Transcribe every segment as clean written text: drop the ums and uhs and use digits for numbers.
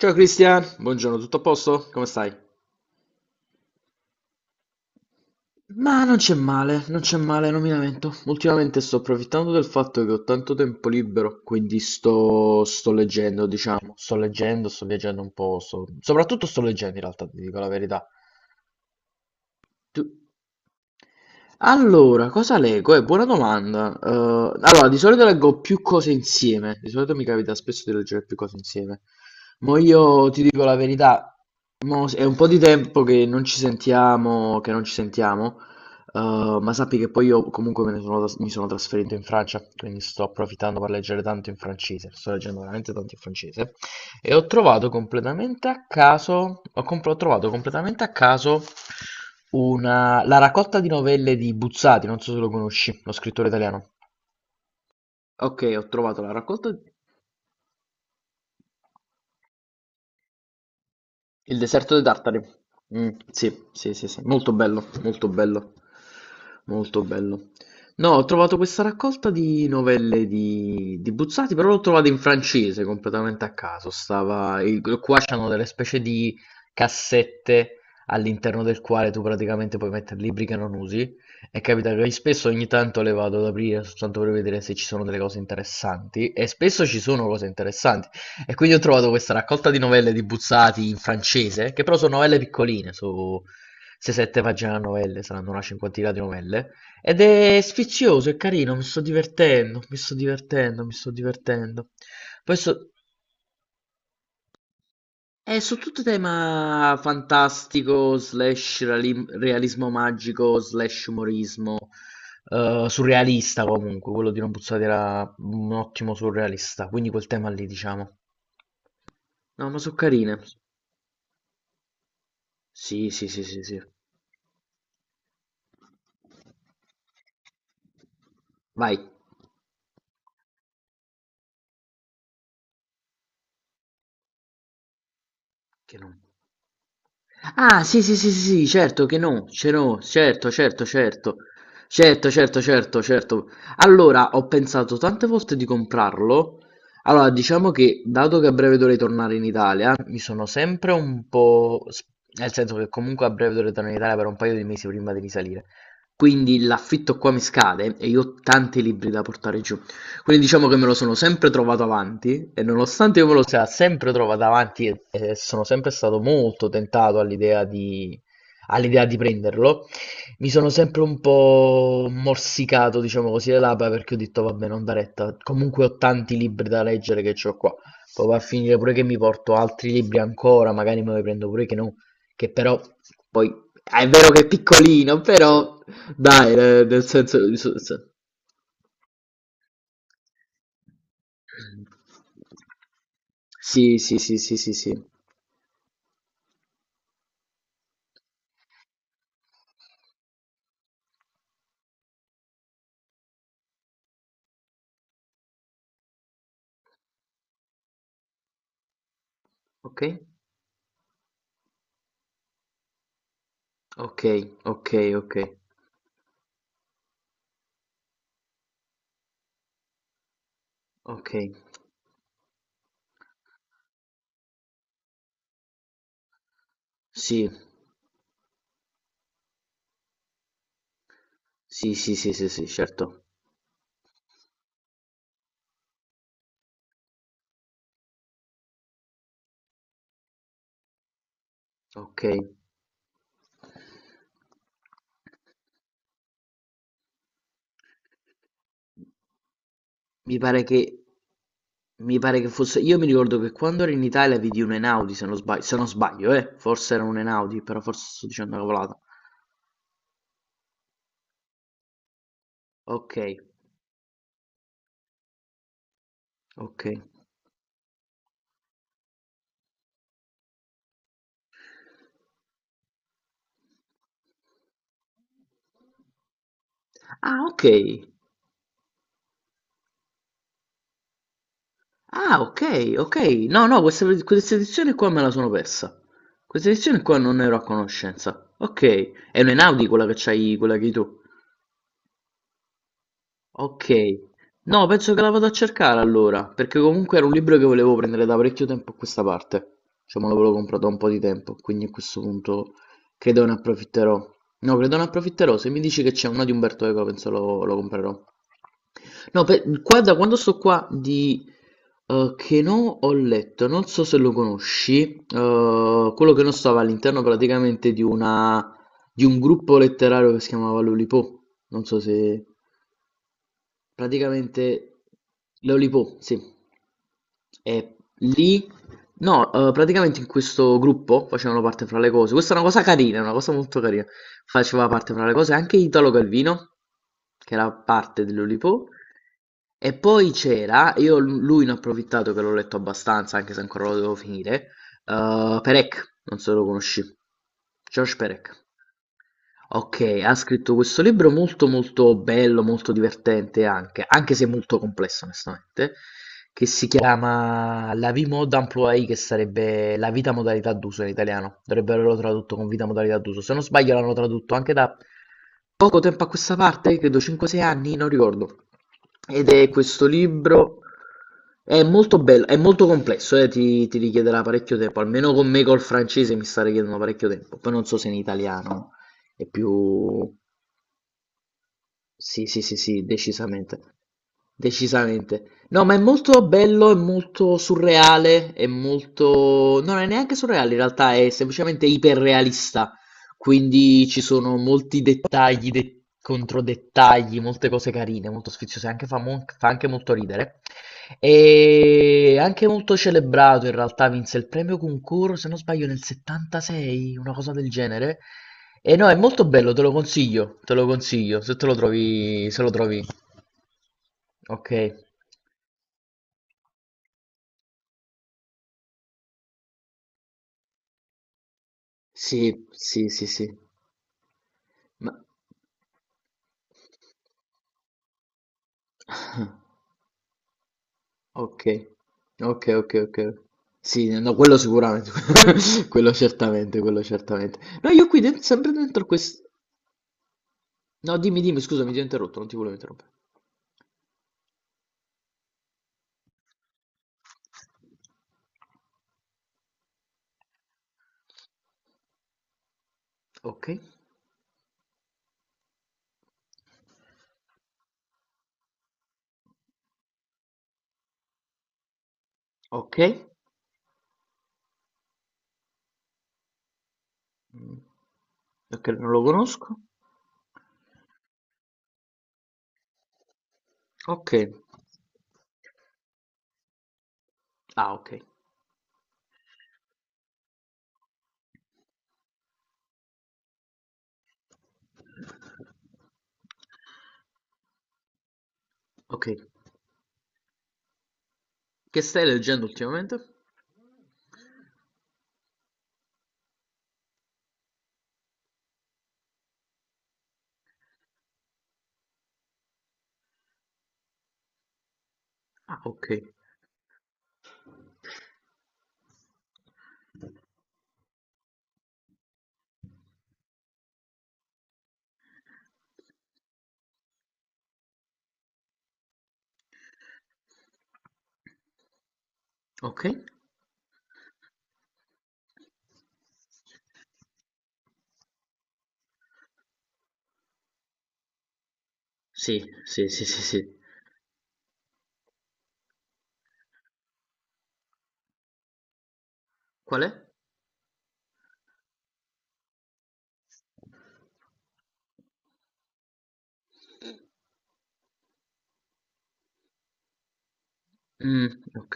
Ciao Cristian, buongiorno, tutto a posto? Come stai? Ma non c'è male, non c'è male, non mi lamento. Ultimamente sto approfittando del fatto che ho tanto tempo libero, quindi sto leggendo, diciamo. Sto leggendo, sto viaggiando un po', soprattutto sto leggendo in realtà, ti dico la verità. Tu... Allora, cosa leggo? È buona domanda. Allora, di solito leggo più cose insieme. Di solito mi capita spesso di leggere più cose insieme. Ma io ti dico la verità, mo è un po' di tempo che non ci sentiamo, ma sappi che poi io comunque me ne sono tras- mi sono trasferito in Francia, quindi sto approfittando per leggere tanto in francese. Sto leggendo veramente tanto in francese. E ho trovato completamente a caso, ho, comp- ho trovato completamente a caso la raccolta di novelle di Buzzati, non so se lo conosci, lo scrittore italiano. Ok, ho trovato la raccolta. Il deserto dei Tartari. Mm, sì, sì, sì, sì. Molto bello, molto bello, molto bello. No, ho trovato questa raccolta di novelle di Buzzati, però l'ho trovata in francese completamente a caso. Qua c'hanno delle specie di cassette all'interno del quale tu praticamente puoi mettere libri che non usi. E capita che spesso ogni tanto le vado ad aprire soltanto per vedere se ci sono delle cose interessanti. E spesso ci sono cose interessanti. E quindi ho trovato questa raccolta di novelle di Buzzati in francese, che però sono novelle piccoline, su 6-7 pagine a novelle, saranno una cinquantina di novelle, ed è sfizioso, è carino, mi sto divertendo, mi sto divertendo, mi sto divertendo. Poi so... È su tutto tema fantastico, slash realismo magico, slash umorismo, surrealista comunque, quello di non Buzzati era un ottimo surrealista, quindi quel tema lì diciamo. No, ma sono carine. Sì, sì, sì, sì, sì. Vai. Che no. Ah, sì, sì, sì, sì, sì, certo che no, ce no, certo, certo, certo, certo, certo, certo, certo. Allora, ho pensato tante volte di comprarlo. Allora, diciamo che, dato che a breve dovrei tornare in Italia, mi sono sempre un po'. Nel senso che comunque a breve dovrei tornare in Italia per un paio di mesi prima di risalire. Quindi l'affitto qua mi scade e io ho tanti libri da portare giù. Quindi diciamo che me lo sono sempre trovato avanti e nonostante io me lo sia sempre trovato avanti e sono sempre stato molto tentato all'idea di prenderlo, mi sono sempre un po' morsicato, diciamo così, le labbra perché ho detto vabbè, non da retta, comunque ho tanti libri da leggere che ho qua. Poi va a finire pure che mi porto altri libri ancora, magari me ne prendo pure che no, che però poi è vero che è piccolino, però dai, nel senso... so sì, sì, sì, sì, sì, sì. Okay? Okay, okay, okay, okay. Sì. Sì, sì, sì, sì, sì, certo. Okay. Mi pare che mi pare che fosse, io mi ricordo che quando ero in Italia vidi un Einaudi se non sbaglio, forse era un Einaudi, però forse sto dicendo una cavolata. Okay, okay. Ah, okay. Ah, ok, ok. No, no, questa edizione qua me la sono persa. Questa edizione qua non ne ero a conoscenza. Ok, è un'Enaudi quella che c'hai, quella che hai tu. Ok. No, penso che la vado a cercare allora, perché comunque era un libro che volevo prendere da parecchio tempo a questa parte. Cioè, me l'avevo comprato da un po' di tempo, quindi a questo punto credo ne approfitterò. No, credo ne approfitterò. Se mi dici che c'è uno di Umberto Eco, penso lo comprerò. No, beh, da quando sto qua di che no ho letto, non so se lo conosci, quello che non stava all'interno praticamente di una di un gruppo letterario che si chiamava Lollipop. Non so se. Praticamente. Lollipop, sì. E lì, no, praticamente in questo gruppo facevano parte fra le cose. Questa è una cosa carina, è una cosa molto carina. Faceva parte fra le cose anche Italo Calvino, che era parte di Lollipop. E poi c'era, io lui ne ho approfittato che l'ho letto abbastanza, anche se ancora lo devo finire. Perec, non so se lo conosci. George Perec. Okay, ha scritto questo libro molto, molto bello, molto divertente anche, anche se molto complesso onestamente, che si chiama La vie mode employée, che sarebbe La vita modalità d'uso in italiano. Dovrebbero averlo tradotto con vita modalità d'uso. Se non sbaglio l'hanno tradotto anche da poco tempo a questa parte, credo 5-6 anni, non ricordo. Ed è questo libro, è molto bello, è molto complesso, ti richiederà parecchio tempo, almeno con me col francese mi sta richiedendo parecchio tempo, poi non so se in italiano. È più... Sì, sì, sì, sì, decisamente. Decisamente. No, ma è molto bello, è molto surreale, è molto... no, non è neanche surreale, in realtà è semplicemente iperrealista. Quindi ci sono molti dettagli, controdettagli, molte cose carine, molto sfiziose, anche fa anche molto ridere. E anche molto celebrato in realtà, vinse il premio concorso, se non sbaglio, nel 76, una cosa del genere. E no, è molto bello, te lo consiglio, se te lo trovi, se lo trovi. Ok. Sì, sì, sì, sì. Ma... Ok, ok, ok, ok. Sì, no, quello sicuramente, quello certamente, quello certamente. No, io qui sempre dentro questo... No, dimmi, dimmi, scusami, ti ho interrotto, non ti volevo interrompere. Ok, ok. Mm, ok, non lo conosco. Ok. Ah, ok. Ok. Che stai leggendo ultimamente? Ah, ok. Ok. Sì, sì, sì, sì, sì. Qual è? Mm, ok.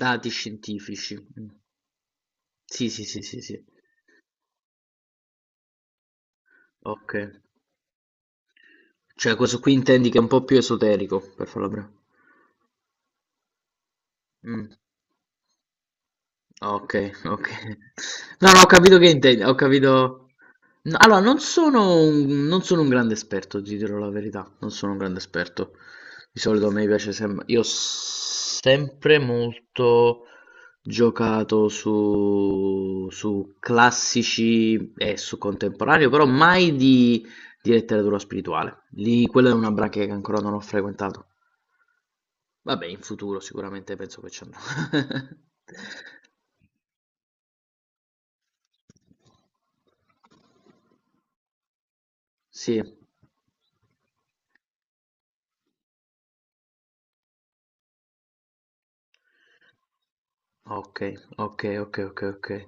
Dati scientifici. Mm. Sì, sì, sì, sì, sì. Ok. Cioè, questo qui intendi che è un po' più esoterico, per farlo breve. Mh, okay, okay. No, no, ho capito che intendi, ho capito n allora non sono un, non sono un grande esperto, ti dirò la verità, non sono un grande esperto. Di solito a me piace sem io ho sempre molto giocato su classici e su contemporaneo, però mai di letteratura spirituale. Lì quella è una branca che ancora non ho frequentato. Vabbè, in futuro sicuramente penso che ci andrò. Sì. Okay, okay, okay, okay, okay.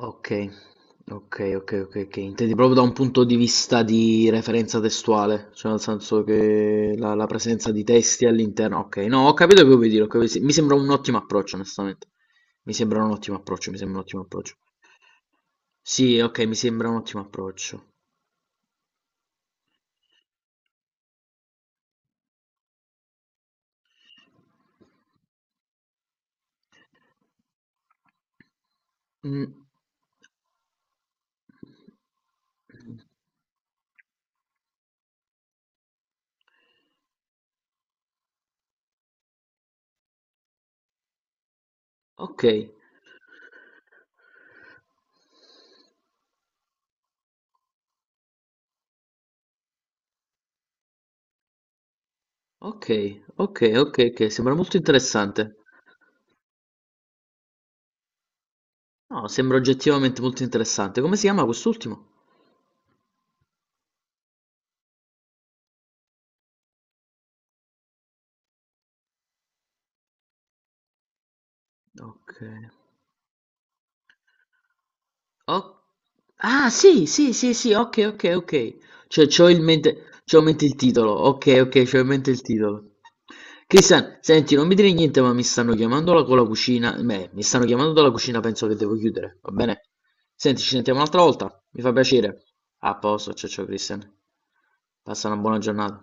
Okay, okay, okay, okay, okay. Intendi proprio da un punto di vista di referenza testuale, cioè nel senso che la presenza di testi all'interno, okay, no, ho capito che vuoi dire, ho capi sì, mi sembra un ottimo approccio onestamente. Mi sembra un ottimo approccio, mi sembra un ottimo approccio. Sì, okay, mi sembra un ottimo approccio. Mh, okay, okay, okay, okay, okay, sembra molto interessante. No, sembra oggettivamente molto interessante. Come si chiama quest'ultimo? Ok. Oh. Ah, sì, sì, sì, sì, ok, ok, ok. Cioè, c'ho in mente il titolo. Ok, ok, c'ho in mente il titolo. Cristian, senti, non mi dire niente, ma mi stanno chiamando con la cucina. Beh, mi stanno chiamando dalla cucina, penso che devo chiudere, va bene? Senti, ci sentiamo un'altra volta. Mi fa piacere. A posto, ciao ciao Cristian. Passa una buona giornata.